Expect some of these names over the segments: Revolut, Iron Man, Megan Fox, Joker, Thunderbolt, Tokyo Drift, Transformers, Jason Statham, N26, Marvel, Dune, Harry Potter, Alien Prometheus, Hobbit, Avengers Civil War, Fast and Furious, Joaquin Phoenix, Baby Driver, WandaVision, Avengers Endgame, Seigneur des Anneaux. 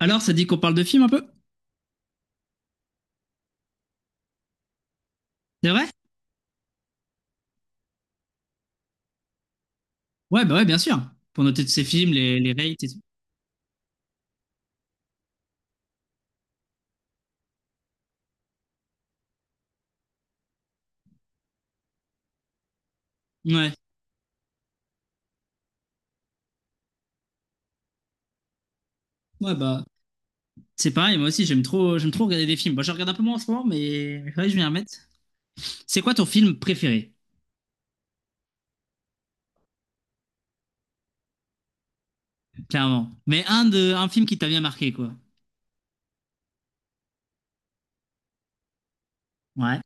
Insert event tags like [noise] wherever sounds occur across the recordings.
Alors, ça dit qu'on parle de films un peu? C'est vrai? Ouais, bah ouais, bien sûr. Pour noter tous ces films, les rates et tout. Ouais, ouais, bah. C'est pareil, moi aussi, j'aime trop regarder des films. Bon, je regarde un peu moins en ce moment, mais faudrait que je m'y remette. C'est quoi ton film préféré? Clairement. Mais un film qui t'a bien marqué, quoi. Ouais.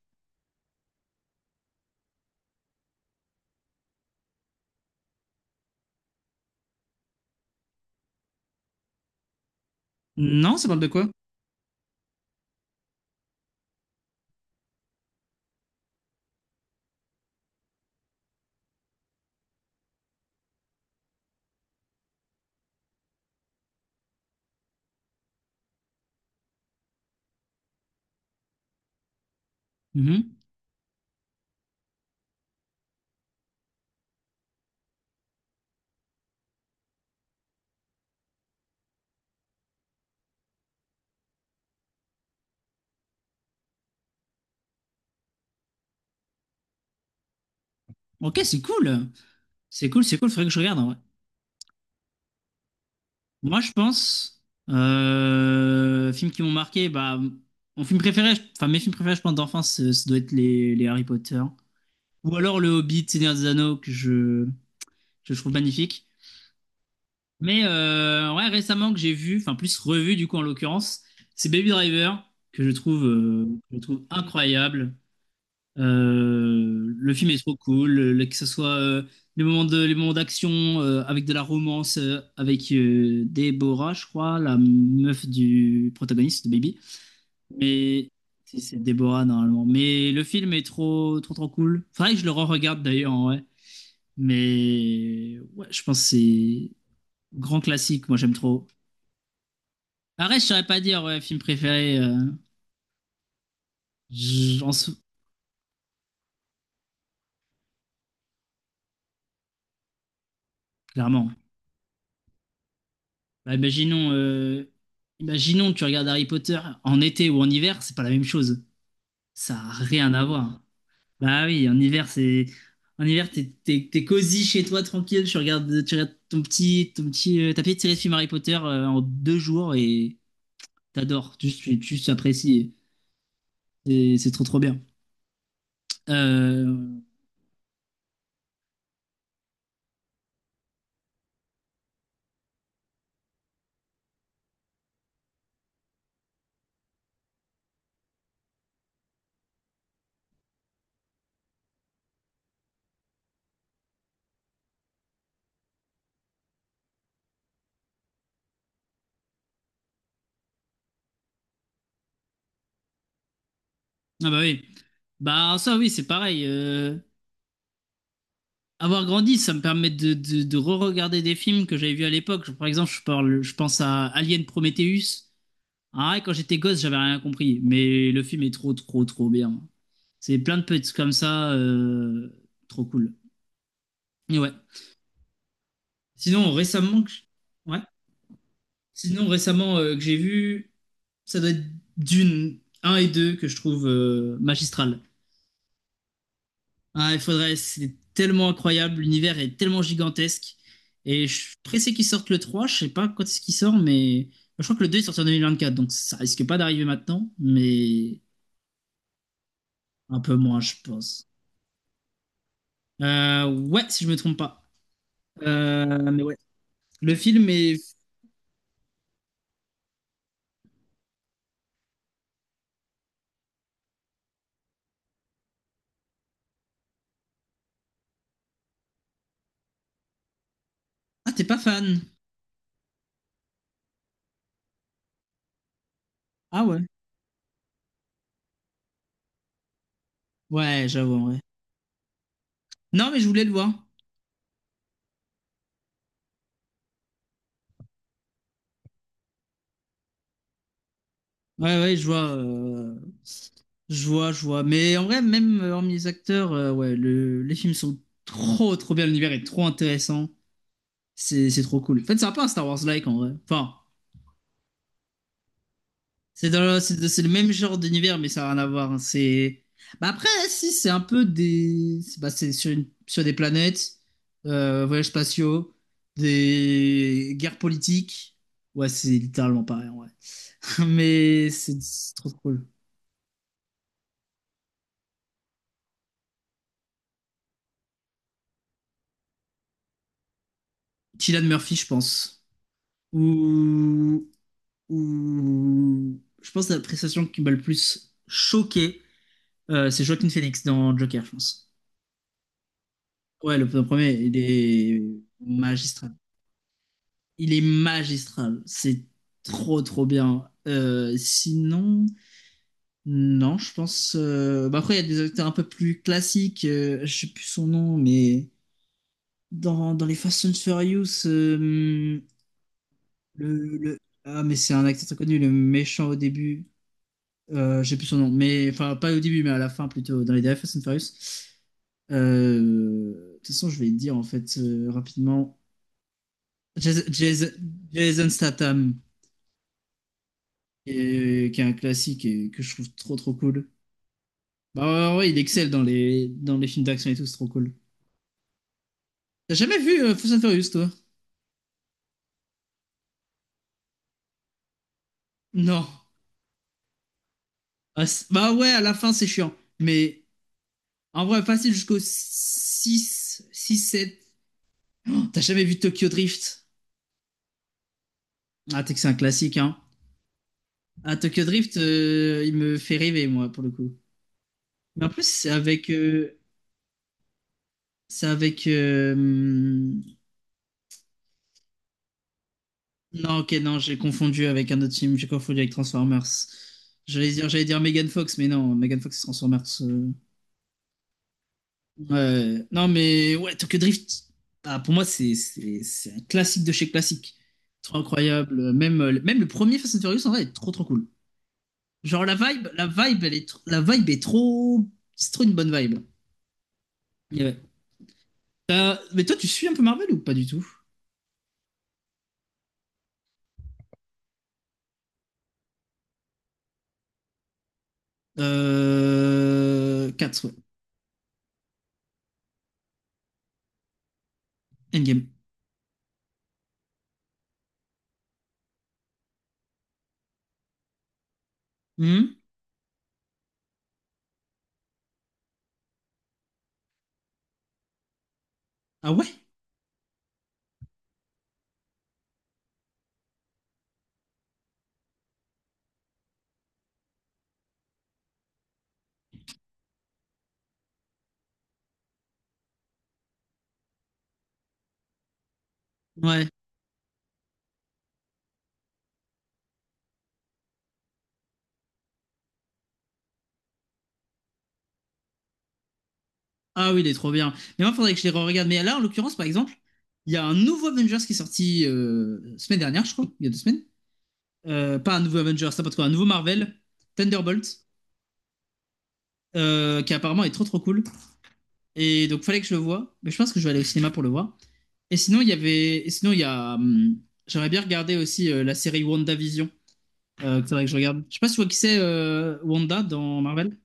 Non, ça parle de quoi? Mhm. Ok, c'est cool. C'est cool, c'est cool, faudrait que je regarde, en vrai. Moi, je pense, films qui m'ont marqué, bah, mon film préféré, enfin, mes films préférés, je pense, d'enfance, ce doit être les Harry Potter. Ou alors le Hobbit, Seigneur des Anneaux, que je trouve magnifique. Mais ouais, récemment que j'ai vu, enfin plus revu du coup en l'occurrence, c'est Baby Driver, que je trouve incroyable. Le film est trop cool, que ce soit les les moments d'action avec de la romance, avec Deborah, je crois, la meuf du protagoniste de Baby. Mais si, c'est Deborah normalement. Mais le film est trop, trop, trop cool. Faudrait que je le re-regarde d'ailleurs, ouais. Mais ouais, je pense que c'est grand classique. Moi, j'aime trop. Après, je saurais pas dire ouais, film préféré. J'en sou- Clairement. Bah, imaginons que tu regardes Harry Potter en été ou en hiver, c'est pas la même chose. Ça a rien à voir. Bah oui, en hiver, t'es cosy chez toi, tranquille. Tu regardes ton petit tapis de série de films Harry Potter en 2 jours et t'adores. Juste, tu apprécies. C'est trop trop bien. Euh, Ah bah oui. Bah ça oui, c'est pareil. Avoir grandi, ça me permet de, re-regarder des films que j'avais vus à l'époque. Par exemple, je pense à Alien Prometheus. Ah, ouais, quand j'étais gosse, j'avais rien compris, mais le film est trop, trop, trop bien. C'est plein de petits comme ça, trop cool. Et ouais. Sinon, récemment, ouais. Sinon, récemment que j'ai vu, ça doit être Dune un et 2 que je trouve magistral. Ah, il faudrait, c'est tellement incroyable, l'univers est tellement gigantesque. Et je suis pressé qu'ils sortent le 3. Je sais pas quand est-ce qu'il sort, mais je crois que le 2 est sorti en 2024, donc ça risque pas d'arriver maintenant, mais un peu moins, je pense. Ouais, si je me trompe pas. Mais ouais. Le film est... Ah, t'es pas fan? Ah ouais. Ouais, j'avoue, en vrai. Non, mais je voulais le voir. Ouais, ouais, je vois. Je vois. Mais en vrai, même hormis les acteurs, ouais, les films sont trop, trop bien. L'univers est trop intéressant. C'est trop cool. En fait, c'est un peu un Star Wars-like en vrai. Enfin, c'est le même genre d'univers, mais ça n'a rien à voir, hein. C'est. Bah après, si, c'est un peu des. Bah, c'est sur, sur des planètes, voyages spatiaux, des guerres politiques. Ouais, c'est littéralement pareil en vrai. [laughs] Mais c'est trop cool. Cillian Murphy, je pense. Ou. Ou. Je pense que la prestation qui m'a le plus choqué, c'est Joaquin Phoenix dans Joker, je pense. Ouais, le premier, il est magistral. Il est magistral. C'est trop, trop bien. Sinon, non, je pense. Bah après, il y a des acteurs un peu plus classiques. Je sais plus son nom, mais dans les Fast and Furious, ah, mais c'est un acteur très connu, le méchant au début. Je sais plus son nom, mais enfin, pas au début, mais à la fin plutôt, dans les derniers Fast and Furious. Euh, de toute façon, je vais dire en fait rapidement. Jason, Jason- Jason Statham, qui est un classique et que je trouve trop trop cool. Bah ouais, ouais, ouais, il excelle dans les films d'action et tout, c'est trop cool. T'as jamais vu Fast and Furious, toi? Non. Ah, bah ouais, à la fin, c'est chiant. Mais en vrai, facile jusqu'au six 7. T'as jamais vu Tokyo Drift? Ah, t'es que c'est un classique, hein. Ah, Tokyo Drift, il me fait rêver, moi, pour le coup. Mais en plus, c'est avec... euh, Non, ok, non, j'ai confondu avec un autre film, j'ai confondu avec Transformers. J'allais dire Megan Fox, mais non, Megan Fox c'est Transformers. Ouais. Non, mais ouais, Tokyo Drift, ah, pour moi, c'est un classique de chez classique. Trop incroyable. Même le premier Fast and Furious, en vrai, est trop trop cool. Genre, la vibe est trop. C'est trop une bonne vibe. Et ouais. Mais toi, tu suis un peu Marvel ou pas du tout? 4, ouais. Endgame. Hmm. Ah ouais? Ouais, Ah oui, il est trop bien. Mais moi, il faudrait que je les re-regarde. Mais là, en l'occurrence, par exemple, il y a un nouveau Avengers qui est sorti semaine dernière, je crois, il y a 2 semaines. Pas un nouveau Avengers, n'importe quoi, un nouveau Marvel, Thunderbolt, qui apparemment est trop trop cool. Et donc, fallait que je le voie. Mais je pense que je vais aller au cinéma pour le voir. Et sinon, il y avait. Et sinon, il y a. J'aimerais bien regarder aussi la série WandaVision. Que faudrait que je regarde. Je sais pas si tu vois qui c'est Wanda dans Marvel.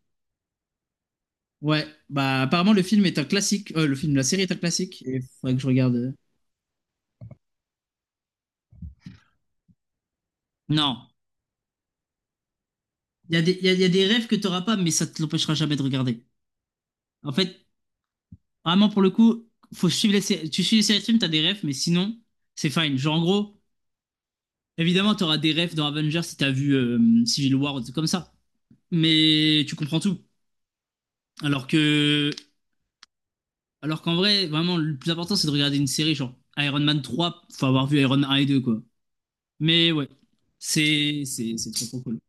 Ouais, bah apparemment le film est un classique. La série est un classique. Et faudrait que je regarde. Non, il y a des rêves que tu n'auras pas, mais ça te l'empêchera jamais de regarder. En fait, vraiment, pour le coup, faut suivre tu suis les séries de films, tu as des rêves, mais sinon, c'est fine. Genre, en gros, évidemment, tu auras des rêves dans Avengers si tu as vu Civil War ou des trucs comme ça. Mais tu comprends tout. Alors que, alors qu'en vrai, vraiment, le plus important, c'est de regarder une série, genre Iron Man 3, faut avoir vu Iron Man 1 et 2, quoi. Mais ouais, c'est trop, trop cool.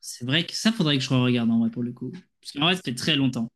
C'est vrai que ça, faudrait que je re-regarde, en vrai, pour le coup. Parce qu'en vrai, ça fait très longtemps.